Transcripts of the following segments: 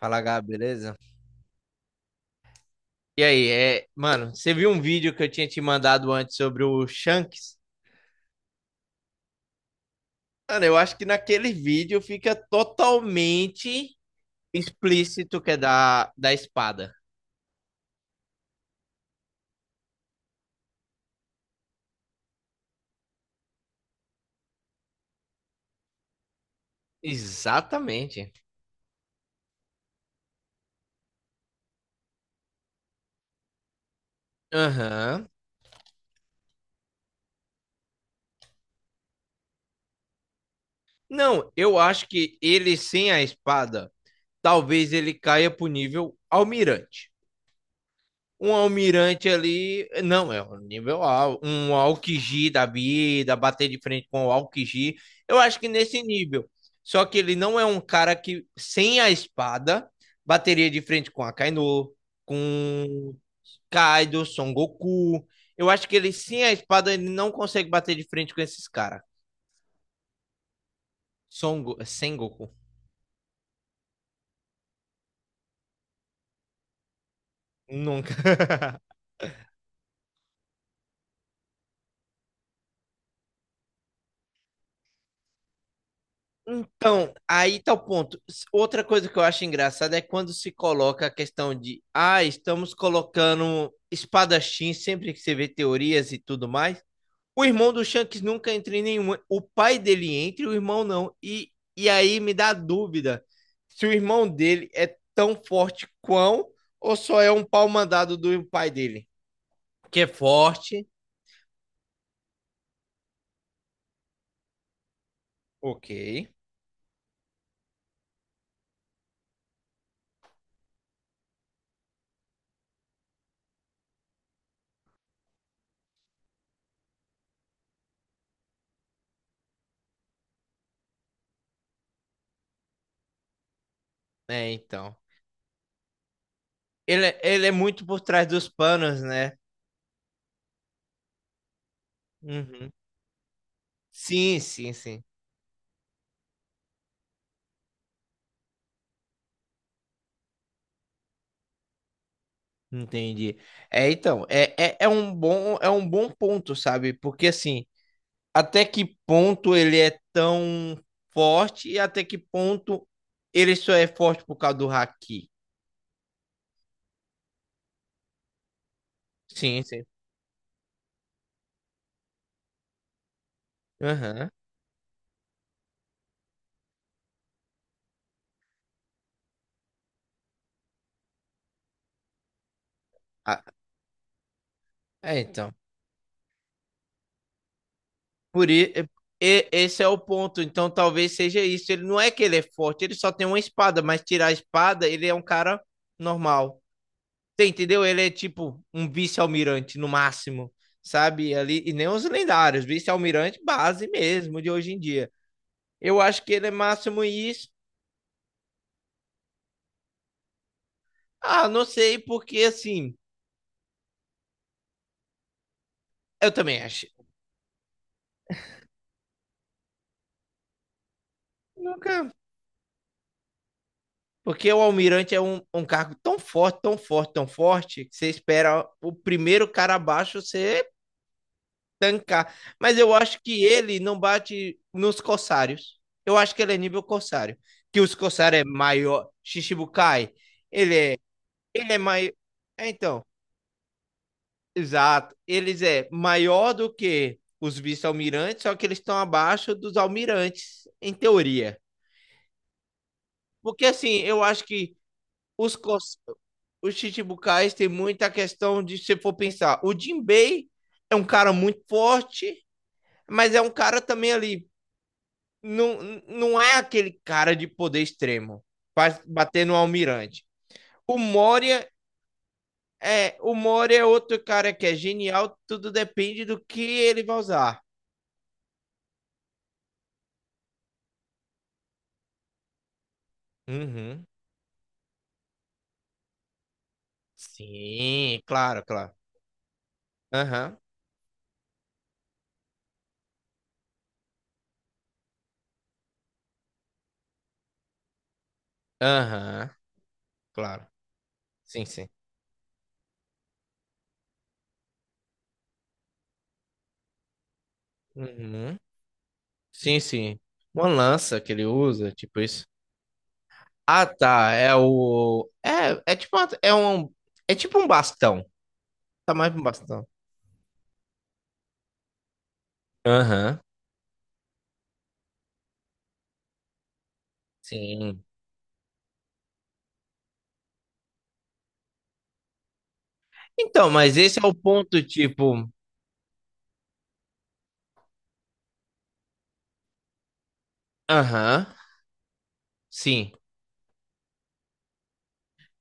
Fala, Gabi, beleza? E aí, mano, você viu um vídeo que eu tinha te mandado antes sobre o Shanks? Mano, eu acho que naquele vídeo fica totalmente explícito que é da espada. Exatamente. Aham. Não, eu acho que ele sem a espada, talvez ele caia pro nível almirante. Um almirante ali, não, é um nível alto, um Alkiji da vida, bater de frente com o Alkiji, eu acho que nesse nível. Só que ele não é um cara que, sem a espada, bateria de frente com a Kaino, com Kaido, Son Goku. Eu acho que ele, sem a espada, ele não consegue bater de frente com esses caras. Son Go... Sem Goku. Nunca. Então, aí tá o ponto. Outra coisa que eu acho engraçada é quando se coloca a questão de, ah, estamos colocando espadachim sempre que você vê teorias e tudo mais. O irmão do Shanks nunca entra em nenhuma. O pai dele entra e o irmão não. E aí me dá dúvida se o irmão dele é tão forte quão ou só é um pau mandado do pai dele. Que é forte, ok. É, então. Ele é muito por trás dos panos, né? Uhum. Sim. Entendi. É, então, é um bom ponto, sabe? Porque assim, até que ponto ele é tão forte e até que ponto ele só é forte por causa do haki. Sim, sim. Aham. Ah, é, então. Por i- é, e- esse é o ponto. Então, talvez seja isso. Ele não é que ele é forte, ele só tem uma espada, mas tirar a espada, ele é um cara normal. Você entendeu? Ele é tipo um vice-almirante no máximo, sabe? Ali, e nem os lendários, vice-almirante base mesmo de hoje em dia. Eu acho que ele é máximo isso. Ah, não sei, porque assim, eu também acho. Nunca. Porque o almirante é um cargo tão forte, tão forte, tão forte, que você espera o primeiro cara abaixo você tancar. Mas eu acho que ele não bate nos corsários. Eu acho que ele é nível corsário. Que os corsários é maior. Shichibukai, ele ele é maior. Então, exato. Eles é maior do que os vice-almirantes, só que eles estão abaixo dos almirantes, em teoria. Porque assim, eu acho que os, cos- os Chichibukais têm muita questão de se for pensar. O Jinbei é um cara muito forte, mas é um cara também ali. Não, não é aquele cara de poder extremo, pra bater no almirante. O Moria é, o Moro é outro cara que é genial, tudo depende do que ele vai usar. Uhum. Sim, claro, claro. Aham, aham, claro. Sim, sim. Uhum. Sim, sim. Uma lança que ele usa, tipo isso. Ah, tá, é o... é tipo um bastão. Tá mais pra um bastão. Aham, sim. Então, mas esse é o ponto, tipo... Aham, sim.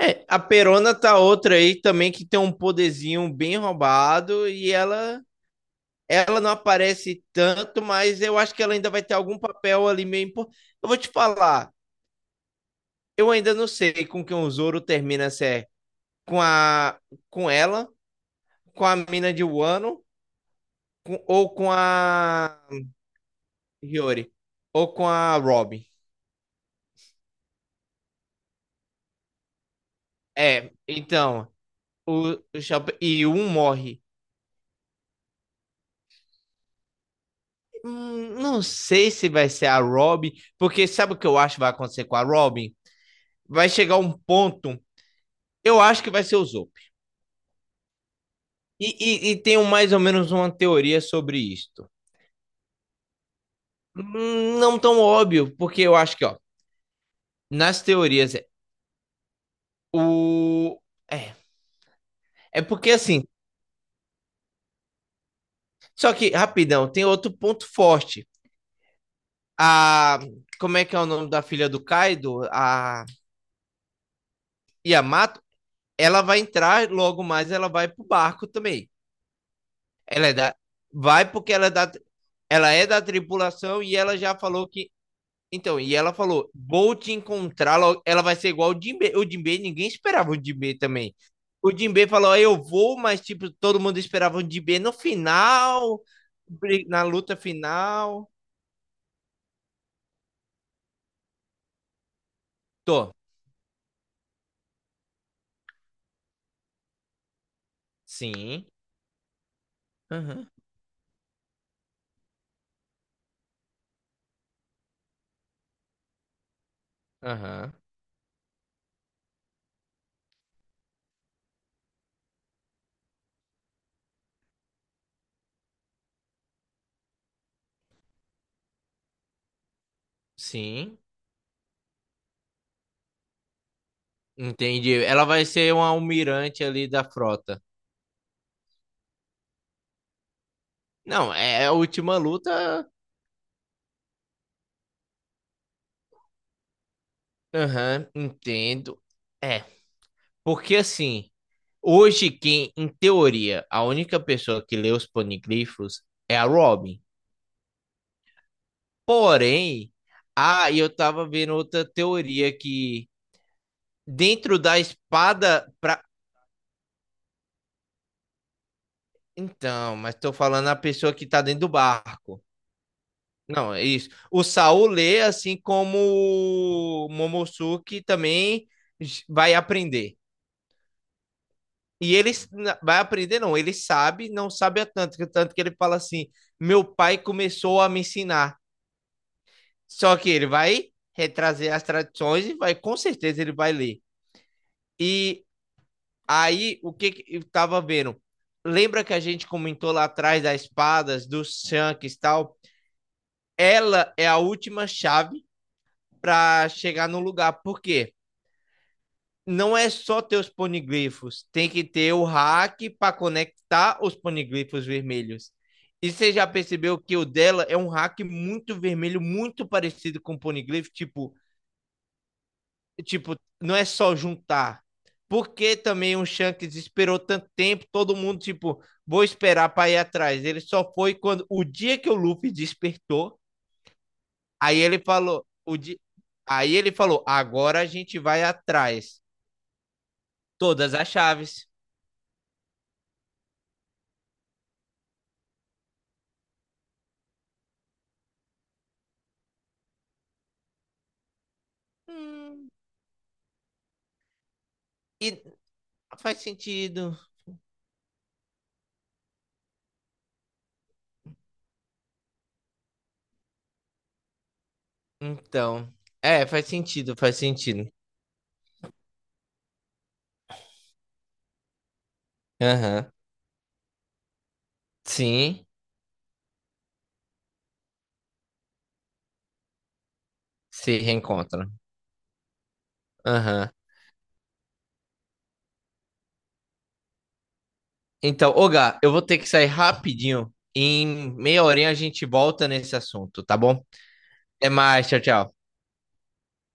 É, a Perona tá outra aí também que tem um poderzinho bem roubado e ela não aparece tanto, mas eu acho que ela ainda vai ter algum papel ali meio importante. Eu vou te falar, eu ainda não sei com quem o Zoro termina, se é com a com ela, com a mina de Wano com- ou com a Hiyori ou com a Robin. É, então, o Chapéu- e um morre. Não sei se vai ser a Robin, porque sabe o que eu acho que vai acontecer com a Robin? Vai chegar um ponto, eu acho que vai ser o Zope E tenho mais ou menos uma teoria sobre isto. Não tão óbvio, porque eu acho que, ó, nas teorias, é- o. É, porque assim, só que, rapidão, tem outro ponto forte. A. Como é que é o nome da filha do Kaido? A Yamato, ela vai entrar logo mais, ela vai pro barco também. Ela é da. Vai porque ela é da. Ela é da tripulação e ela já falou que. Então, e ela falou: vou te encontrar, logo. Ela vai ser igual o Jimbe. O Jimbe, ninguém esperava o Jimbe também. O Jimbe falou: "Ah, eu vou, mas tipo, todo mundo esperava o Jimbe no final, na luta final." Tô. Sim. Aham, uhum. Aham, uhum. Sim. Entendi. Ela vai ser um almirante ali da frota. Não, é a última luta. Aham, entendo. É, porque assim. Hoje, quem, em teoria, a única pessoa que lê os paneglifos é a Robin. Porém, ah, e eu tava vendo outra teoria que dentro da espada pra... Então, mas tô falando a pessoa que tá dentro do barco. Não, é isso. O Saul lê, assim como o Momosuke também vai aprender. Vai aprender, não. Ele sabe, não sabe a tanto que ele fala assim: meu pai começou a me ensinar. Só que ele vai retrazer as tradições e vai, com certeza, ele vai ler. E aí, o que, que eu tava vendo? Lembra que a gente comentou lá atrás das espadas, dos shanks e tal? Ela é a última chave para chegar no lugar. Por quê? Não é só ter os poniglifos, tem que ter o hack para conectar os poniglifos vermelhos. E você já percebeu que o dela é um hack muito vermelho, muito parecido com o poniglifo, tipo, não é só juntar. Porque também o Shanks esperou tanto tempo, todo mundo, tipo, vou esperar para ir atrás. Ele só foi quando o dia que o Luffy despertou, aí ele falou, o di... aí ele falou, agora a gente vai atrás. Todas as chaves. Hum, e faz sentido. Então, é, faz sentido, faz sentido. Aham. Sim, se reencontram. Aham. Então, ô Gá, eu vou ter que sair rapidinho. Em meia horinha a gente volta nesse assunto, tá bom? Até mais, tchau, tchau.